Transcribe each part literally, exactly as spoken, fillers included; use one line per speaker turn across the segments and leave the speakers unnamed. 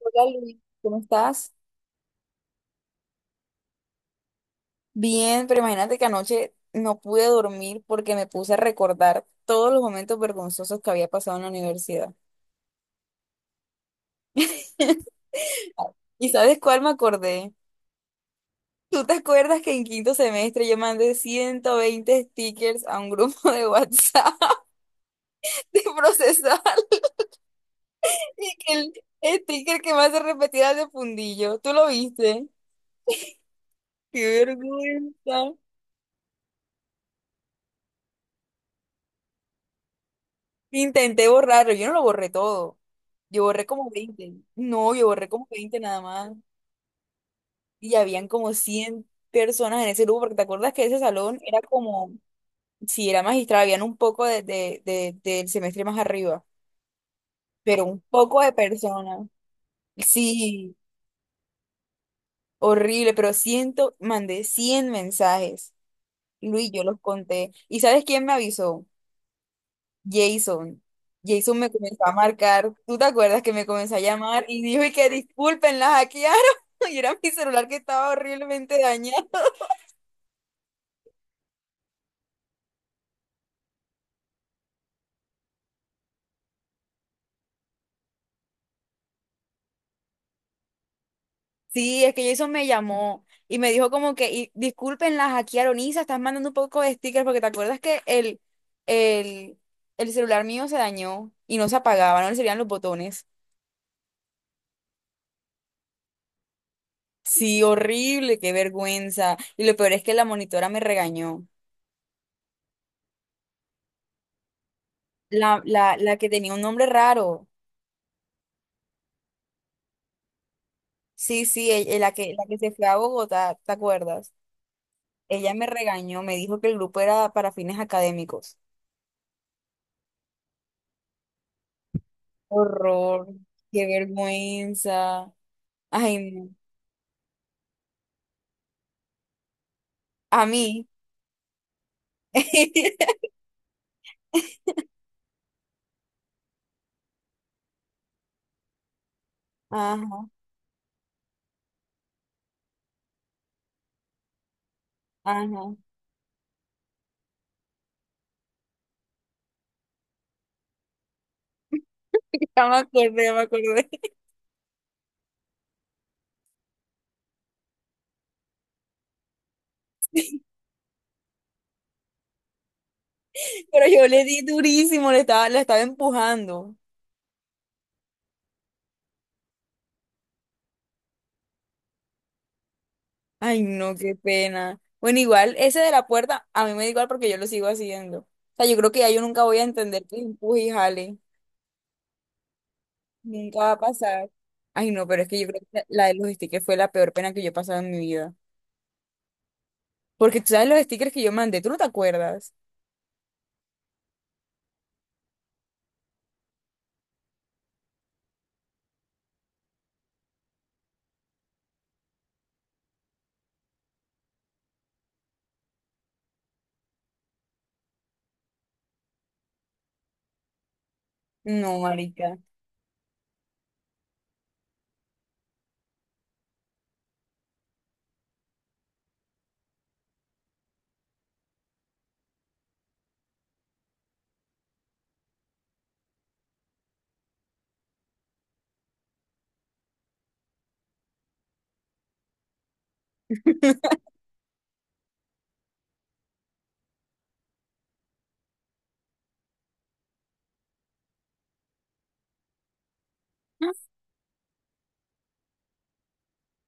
Hola Luis, ¿cómo estás? Bien, pero imagínate que anoche no pude dormir porque me puse a recordar todos los momentos vergonzosos que había pasado en la universidad. ¿Y sabes cuál me acordé? ¿Tú te acuerdas que en quinto semestre yo mandé ciento veinte stickers a un grupo de WhatsApp de procesar y que el sticker que más se repetía era el de fundillo? ¿Tú lo viste? ¡Qué vergüenza! Intenté borrarlo, yo no lo borré todo. Yo borré como veinte. No, yo borré como veinte nada más. Y habían como cien personas en ese grupo, porque te acuerdas que ese salón era como, si era magistral, habían un poco de, de- de- del semestre más arriba, pero un poco de personas. Sí, horrible, pero ciento, mandé cien mensajes. Luis, yo los conté. ¿Y sabes quién me avisó? Jason. Jason me comenzó a marcar. ¿Tú te acuerdas que me comenzó a llamar y dijo y que disculpen, la hackearon? Y era mi celular que estaba horriblemente dañado. Sí, es que Jason me llamó y me dijo como que y, disculpen, la hackearon. Isa, estás mandando un poco de stickers porque te acuerdas que el, el, el celular mío se dañó y no se apagaba, no le servían los botones. Sí, horrible, qué vergüenza. Y lo peor es que la monitora me regañó. La, la, la que tenía un nombre raro. Sí, sí, e- e- la que, la que se fue a Bogotá, ¿te acuerdas? Ella me regañó, me dijo que el grupo era para fines académicos. Horror, qué vergüenza. Ay, no. A mí. Ajá, ajá. Ya me acordé, ya me acordé. Pero yo le di durísimo, le estaba, la estaba empujando. Ay, no, qué pena. Bueno, igual, ese de la puerta, a mí me da igual porque yo lo sigo haciendo. O sea, yo creo que ya yo nunca voy a entender que empuje y jale. Nunca va a pasar. Ay, no, pero es que yo creo que la de los stickers fue la peor pena que yo he pasado en mi vida. Porque tú sabes los stickers que yo mandé, ¿tú no te acuerdas? No, marica.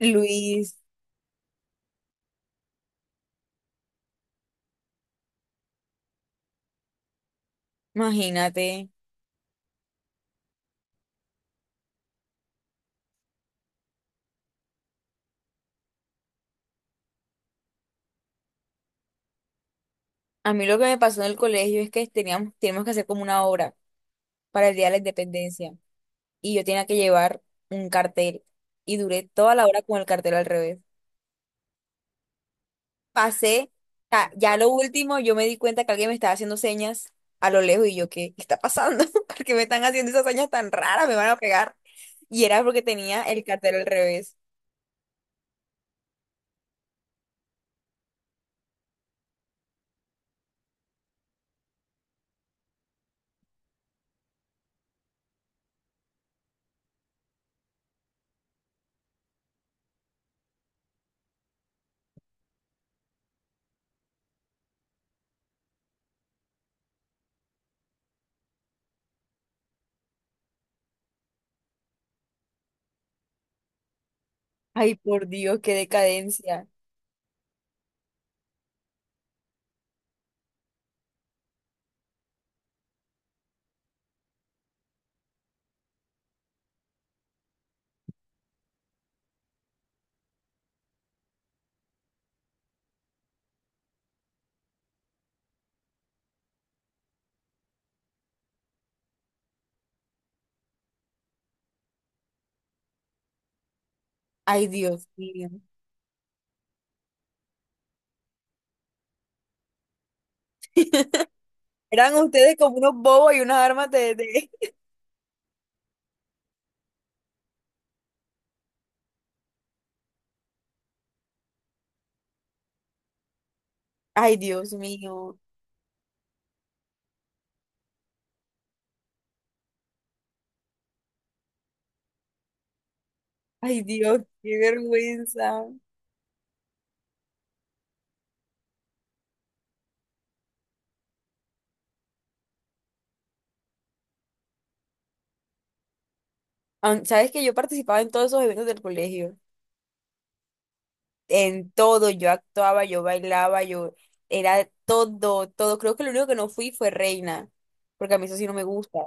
Luis, imagínate. A mí lo que me pasó en el colegio es que teníamos, teníamos que hacer como una obra para el Día de la Independencia. Y yo tenía que llevar un cartel. Y duré toda la hora con el cartel al revés. Pasé, ya, ya lo último, yo me di cuenta que alguien me estaba haciendo señas a lo lejos y yo, ¿qué está pasando? ¿Por qué me están haciendo esas señas tan raras? Me van a pegar. Y era porque tenía el cartel al revés. Ay, por Dios, qué decadencia. Ay, Dios mío. Eran ustedes como unos bobos y unas armas de... de- Ay, Dios mío. Ay, Dios, qué vergüenza. Aun- Sabes que yo participaba en todos esos eventos del colegio. En todo, yo actuaba, yo bailaba, yo era todo, todo. Creo que lo único que no fui fue reina, porque a mí eso sí no me gusta.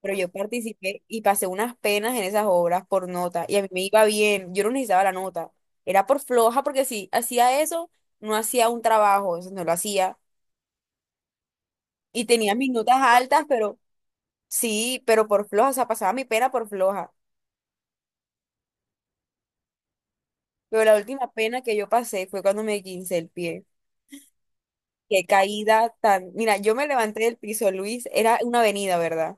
Pero yo participé y pasé unas penas en esas obras por nota, y a mí me iba bien, yo no necesitaba la nota. Era por floja, porque si hacía eso, no hacía un trabajo, eso no lo hacía. Y tenía mis notas altas, pero sí, pero por floja, o sea, pasaba mi pena por floja. Pero la última pena que yo pasé fue cuando me quince el pie. Qué caída tan. Mira, yo me levanté del piso, Luis, era una avenida, ¿verdad?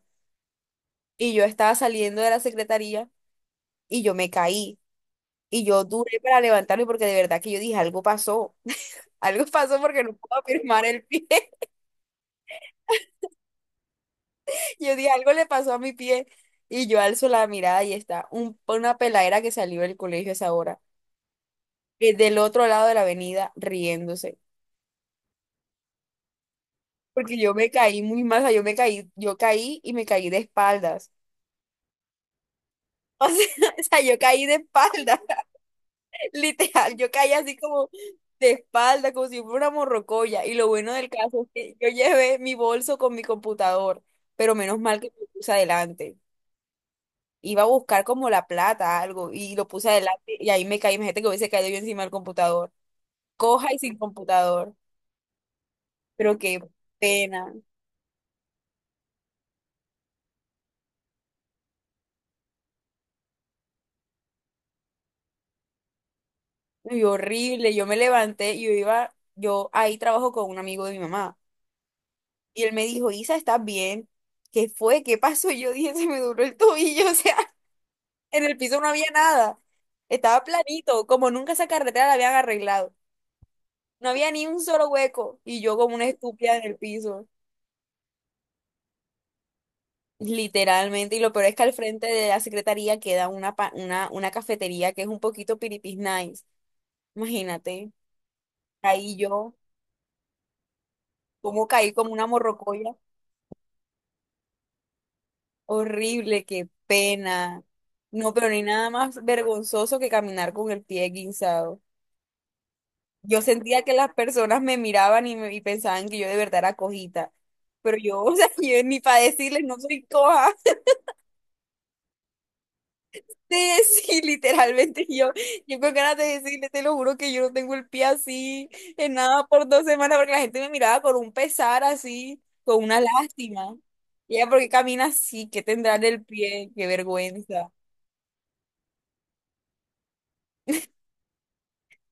Y yo estaba saliendo de la secretaría y yo me caí. Y yo duré para levantarme porque de verdad que yo dije, algo pasó. Algo pasó porque no puedo firmar el pie. Yo dije, algo le pasó a mi pie. Y yo alzo la mirada y está un- una peladera que salió del colegio a esa hora, eh, del otro lado de la avenida, riéndose. Porque yo me caí muy mal, o sea, yo me caí, yo caí y me caí de espaldas. O sea, o sea, yo caí de espaldas. Literal, yo caí así como de espalda, como si fuera una morrocoya. Y lo bueno del caso es que yo llevé mi bolso con mi computador, pero menos mal que lo puse adelante. Iba a buscar como la plata, algo, y lo puse adelante y ahí me caí. Imagínate que hubiese caído yo encima del computador. Coja y sin computador. Pero qué pena. Y horrible. Yo me levanté y yo iba, yo ahí trabajo con un amigo de mi mamá. Y él me dijo, Isa, ¿estás bien? ¿Qué fue? ¿Qué pasó? Y yo dije, se me duró el tobillo, o sea. En el piso no había nada. Estaba planito, como nunca esa carretera la habían arreglado. No había ni un solo hueco y yo como una estúpida en el piso, literalmente. Y lo peor es que al frente de la secretaría queda una, pa- una, una cafetería que es un poquito piripis nice. Imagínate, caí yo, como caí como una morrocoya. Horrible, qué pena. No, pero no hay nada más vergonzoso que caminar con el pie guinzado. Yo sentía que las personas me miraban y, me- y pensaban que yo de verdad era cojita. Pero yo, o sea, yo ni para decirles, no soy coja. De sí, literalmente yo, yo, con ganas de decirles, te lo juro que yo no tengo el pie así, en nada por dos semanas, porque la gente me miraba con un pesar así, con una lástima. Y ella, ¿por qué camina así? ¿Qué tendrá en el pie? ¡Qué vergüenza!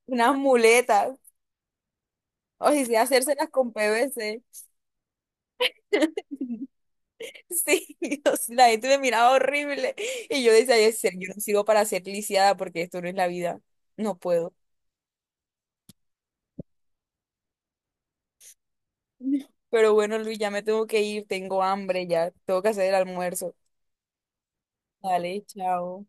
Unas muletas. O si sea, hacérselas con P V C. Sí, o sea, la gente me miraba horrible y yo decía, "Ay, ser, yo no sirvo para ser lisiada porque esto no es la vida, no puedo". Pero bueno, Luis, ya me tengo que ir, tengo hambre, ya tengo que hacer el almuerzo. Dale, chao.